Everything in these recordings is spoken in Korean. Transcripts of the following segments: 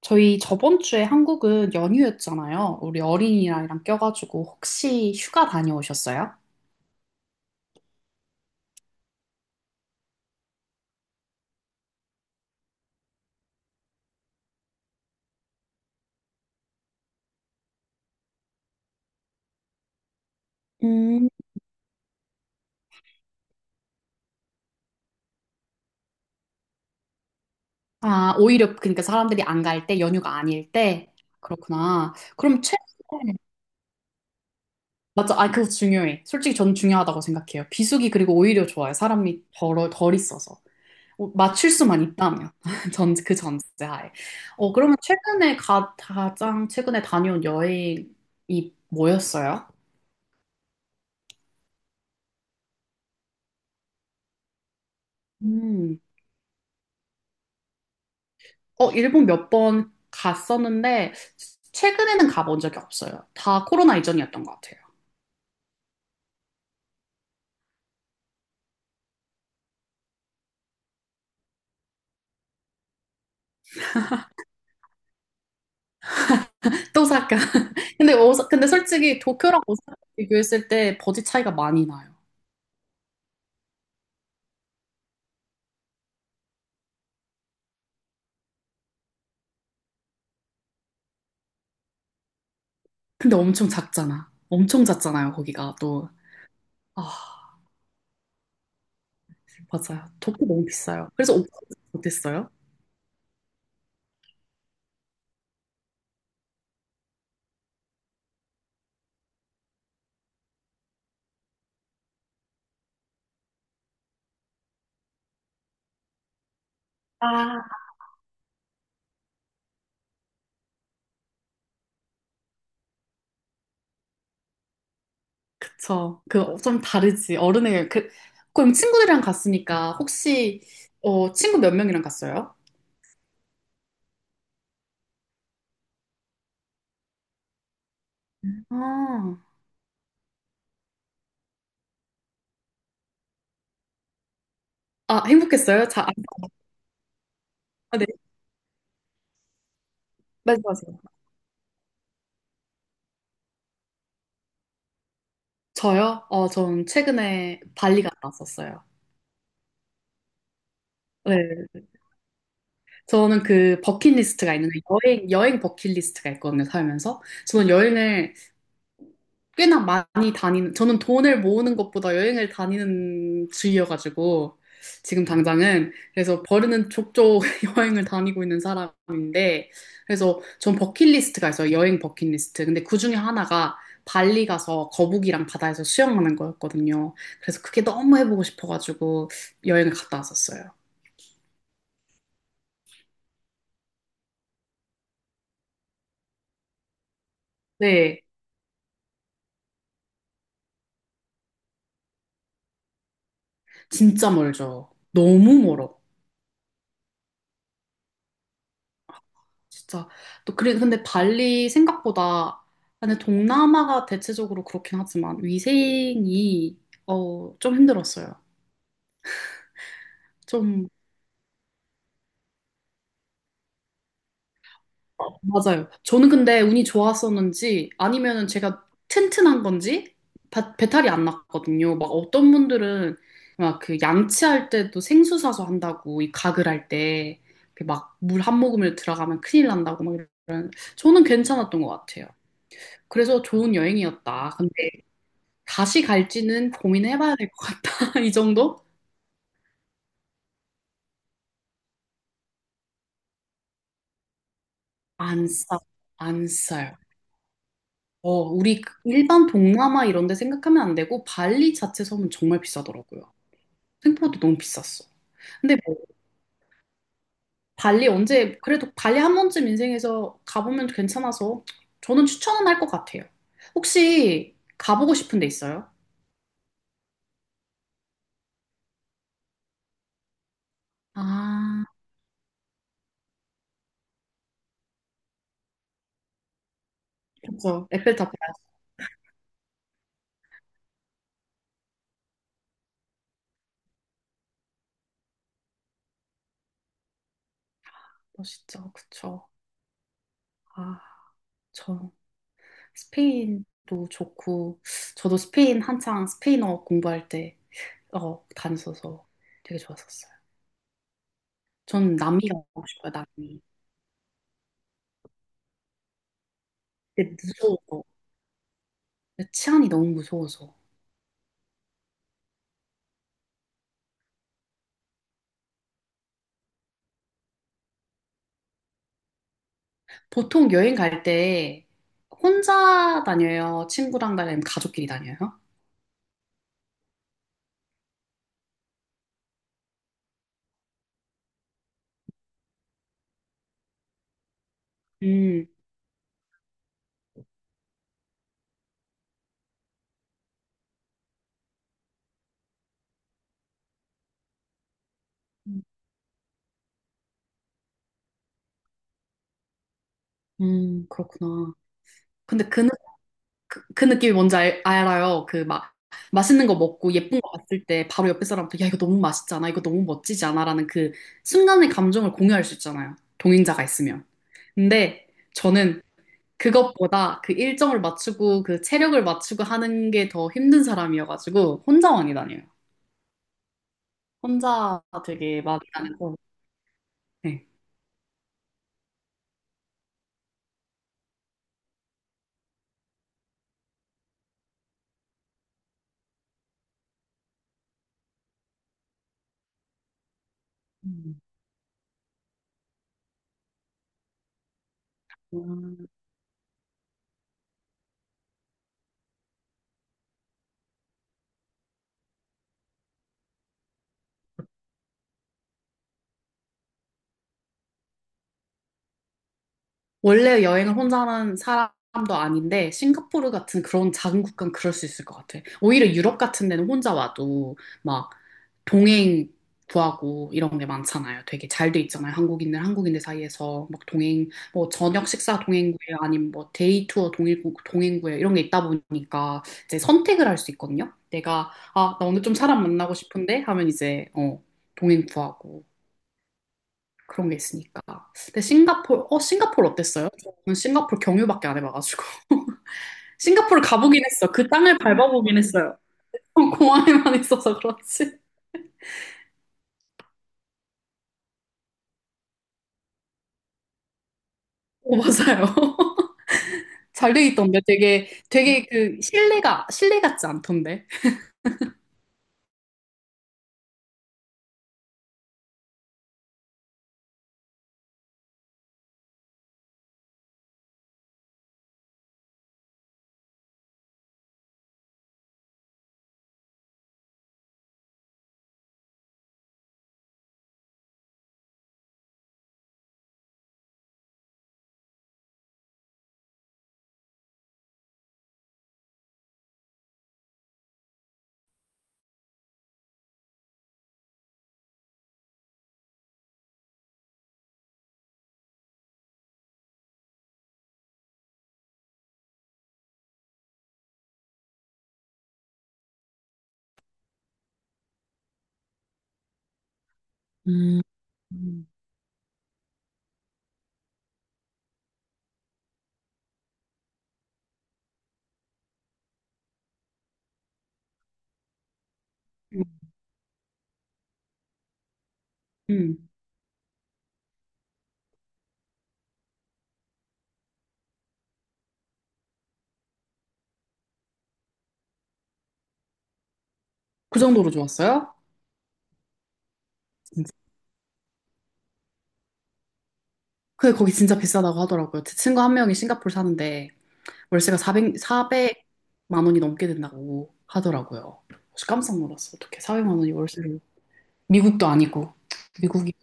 저희 저번 주에 한국은 연휴였잖아요. 우리 어린이날이랑 껴가지고 혹시 휴가 다녀오셨어요? 음. 아, 오히려 그러니까 사람들이 안 갈 때, 연휴가 아닐 때. 그렇구나. 그럼 최근에 맞죠? 아, 그거 중요해. 솔직히 저는 중요하다고 생각해요. 비수기 그리고 오히려 좋아요. 사람이 덜 있어서. 맞출 수만 있다면. 전, 그 전제하에. 어, 그러면 최근에 가장 최근에 다녀온 여행이 뭐였어요? 음. 일본 몇 번 갔었는데, 최근에는 가본 적이 없어요. 다 코로나 이전이었던 것 같아요. 오사카. 근데, 근데 솔직히 도쿄랑 오사카 비교했을 때 버짓 차이가 많이 나요. 근데 엄청 작잖아. 엄청 작잖아요, 거기가 또. 아, 맞아요. 도쿄 너무 비싸요. 그래서 오사카 못했어요. 아, 그쵸. 그, 좀 다르지. 어른의, 그, 그럼 친구들이랑 갔으니까, 혹시, 친구 몇 명이랑 갔어요? 아, 아, 행복했어요? 자, 아, 네. 말씀하세요. 저요? 전 최근에 발리 갔다 왔었어요. 네. 저는 그 버킷리스트가 있는데, 여행 버킷리스트가 있거든요, 살면서. 저는 여행을 꽤나 많이 다니는, 저는 돈을 모으는 것보다 여행을 다니는 주의여가지고, 지금 당장은. 그래서 버르는 족족 여행을 다니고 있는 사람인데, 그래서 전 버킷리스트가 있어요. 여행 버킷리스트. 근데 그 중에 하나가 발리 가서 거북이랑 바다에서 수영하는 거였거든요. 그래서 그게 너무 해보고 싶어가지고 여행을 갔다 왔었어요. 네, 진짜 멀죠. 너무 멀어. 진짜 또 그래 근데 발리 생각보다 근데 동남아가 대체적으로 그렇긴 하지만 위생이 좀 힘들었어요. 좀 어, 맞아요. 저는 근데 운이 좋았었는지 아니면은 제가 튼튼한 건지 배탈이 안 났거든요. 막 어떤 분들은 막 그 양치할 때도 생수 사서 한다고 이 가글 할 때 막 물 한 모금을 들어가면 큰일 난다고 막 이런 저는 괜찮았던 것 같아요. 그래서 좋은 여행이었다. 다시 갈지는 고민해봐야 될 것 같다. 이 정도? 안 싸, 안 싸요. 우리 그 일반 동남아 이런 데 생각하면 안 되고, 발리 자체 섬은 정말 비싸더라고요. 생각보다 너무 비쌌어. 근데 뭐, 발리 언제, 그래도 발리 한 번쯤 인생에서 가보면 괜찮아서, 저는 추천은 할 것 같아요. 혹시 가보고 싶은 데 있어요? 아, 그쵸. 에펠탑 봐야죠, 진짜. 그쵸. 아, 저. 스페인도 좋고, 저도 스페인 한창 스페인어 공부할 때 다녔어서 되게 좋았었어요. 저는 남미 가고 싶어요, 남미. 근데 무서워서. 치안이 너무 무서워서. 보통 여행 갈 때 혼자 다녀요? 친구랑 다니면 가족끼리 다녀요? 음, 그렇구나. 근데 그 그, 그 느낌이 뭔지 알아요. 그 막 맛있는 거 먹고 예쁜 거 봤을 때 바로 옆에 사람부터 야 이거 너무 맛있잖아, 이거 너무 멋지지 않아라는 그 순간의 감정을 공유할 수 있잖아요. 동행자가 있으면. 근데 저는 그것보다 그 일정을 맞추고 그 체력을 맞추고 하는 게 더 힘든 사람이어가지고 혼자 많이 다녀요. 혼자 되게 많이 다녀고 네. 음. 원래 여행을 혼자 하는 사람도 아닌데, 싱가포르 같은 그런 작은 국가는 그럴 수 있을 것 같아. 오히려 유럽 같은 데는 혼자 와도 막 동행 구하고 이런 게 많잖아요. 되게 잘 돼 있잖아요. 한국인들 사이에서 막 동행, 뭐 저녁 식사 동행 구해, 아니면 뭐 데이 투어 동행, 동행 구해, 이런 게 있다 보니까 이제 선택을 할 수 있거든요. 내가, 아, 나 오늘 좀 사람 만나고 싶은데 하면 이제, 동행 구하고. 그런 게 있으니까. 근데 싱가포르, 싱가포르 어땠어요? 저는 싱가포르 경유밖에 안 해봐가지고. 싱가포르 가보긴 했어. 그 땅을 밟아보긴 했어요. 공항에만 있어서 그렇지. 어, 맞아요. 잘 돼 있던데 되게 그 실내가 실내 같지 않던데. 음, 음. 음, 음. 그 정도로 좋았어요? 진짜. 근데 거기 진짜 비싸다고 하더라고요. 제 친구 한 명이 싱가포르 사는데 월세가 400만 원이 넘게 된다고 하더라고요. 그래서 깜짝 놀랐어. 어떻게 400만 원이 월세로 미국도 아니고 미국이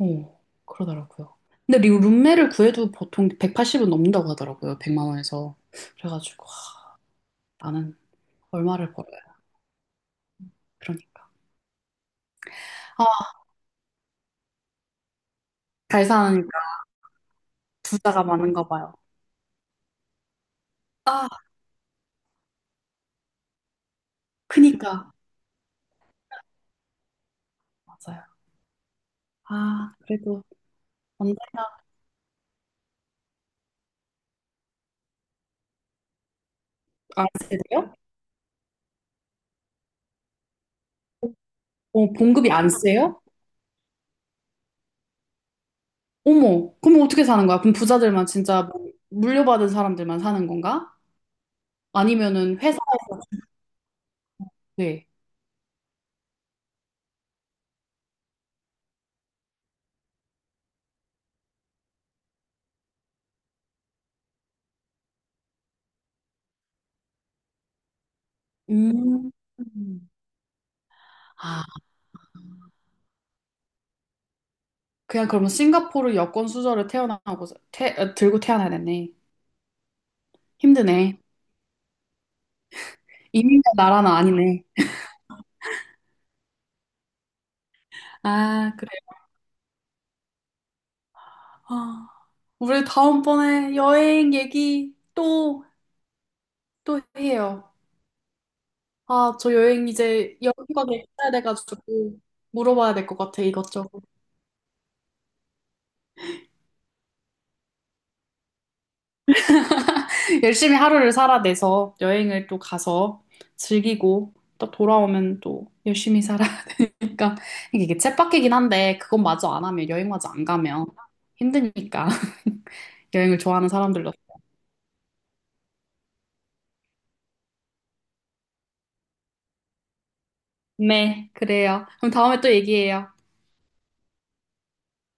어 그러더라고요. 근데 룸메를 구해도 보통 180은 넘는다고 하더라고요. 100만 원에서. 그래가지고 아, 나는 얼마를 벌어요. 그러니까. 아, 잘 사니까 부자가 많은가 봐요. 아, 크니까. 맞아요. 아, 그래도 언제나 안 세대요? 봉급이 안 세요? 어머, 그럼 어떻게 사는 거야? 그럼 부자들만 진짜 뭐 물려받은 사람들만 사는 건가? 아니면은 회사에서 네. 음. 아, 그냥 그러면 싱가포르 여권 수저를 태어나고 들고 태어나야겠네. 힘드네. 이민자 나라는 아니네. 아, 그래. 아, 우리 다음번에 여행 얘기 또, 또 해요. 아, 저 여행 이제 여기가 됐어야 돼가지고 물어봐야 될 것 같아, 이것저것. 열심히 하루를 살아내서 여행을 또 가서 즐기고 또 돌아오면 또 열심히 살아니까 이게 이게 쳇바퀴긴 한데 그건 마저 안 하면 여행 마저 안 가면 힘드니까. 여행을 좋아하는 사람들로. 네, 그래요. 그럼 다음에 또 얘기해요.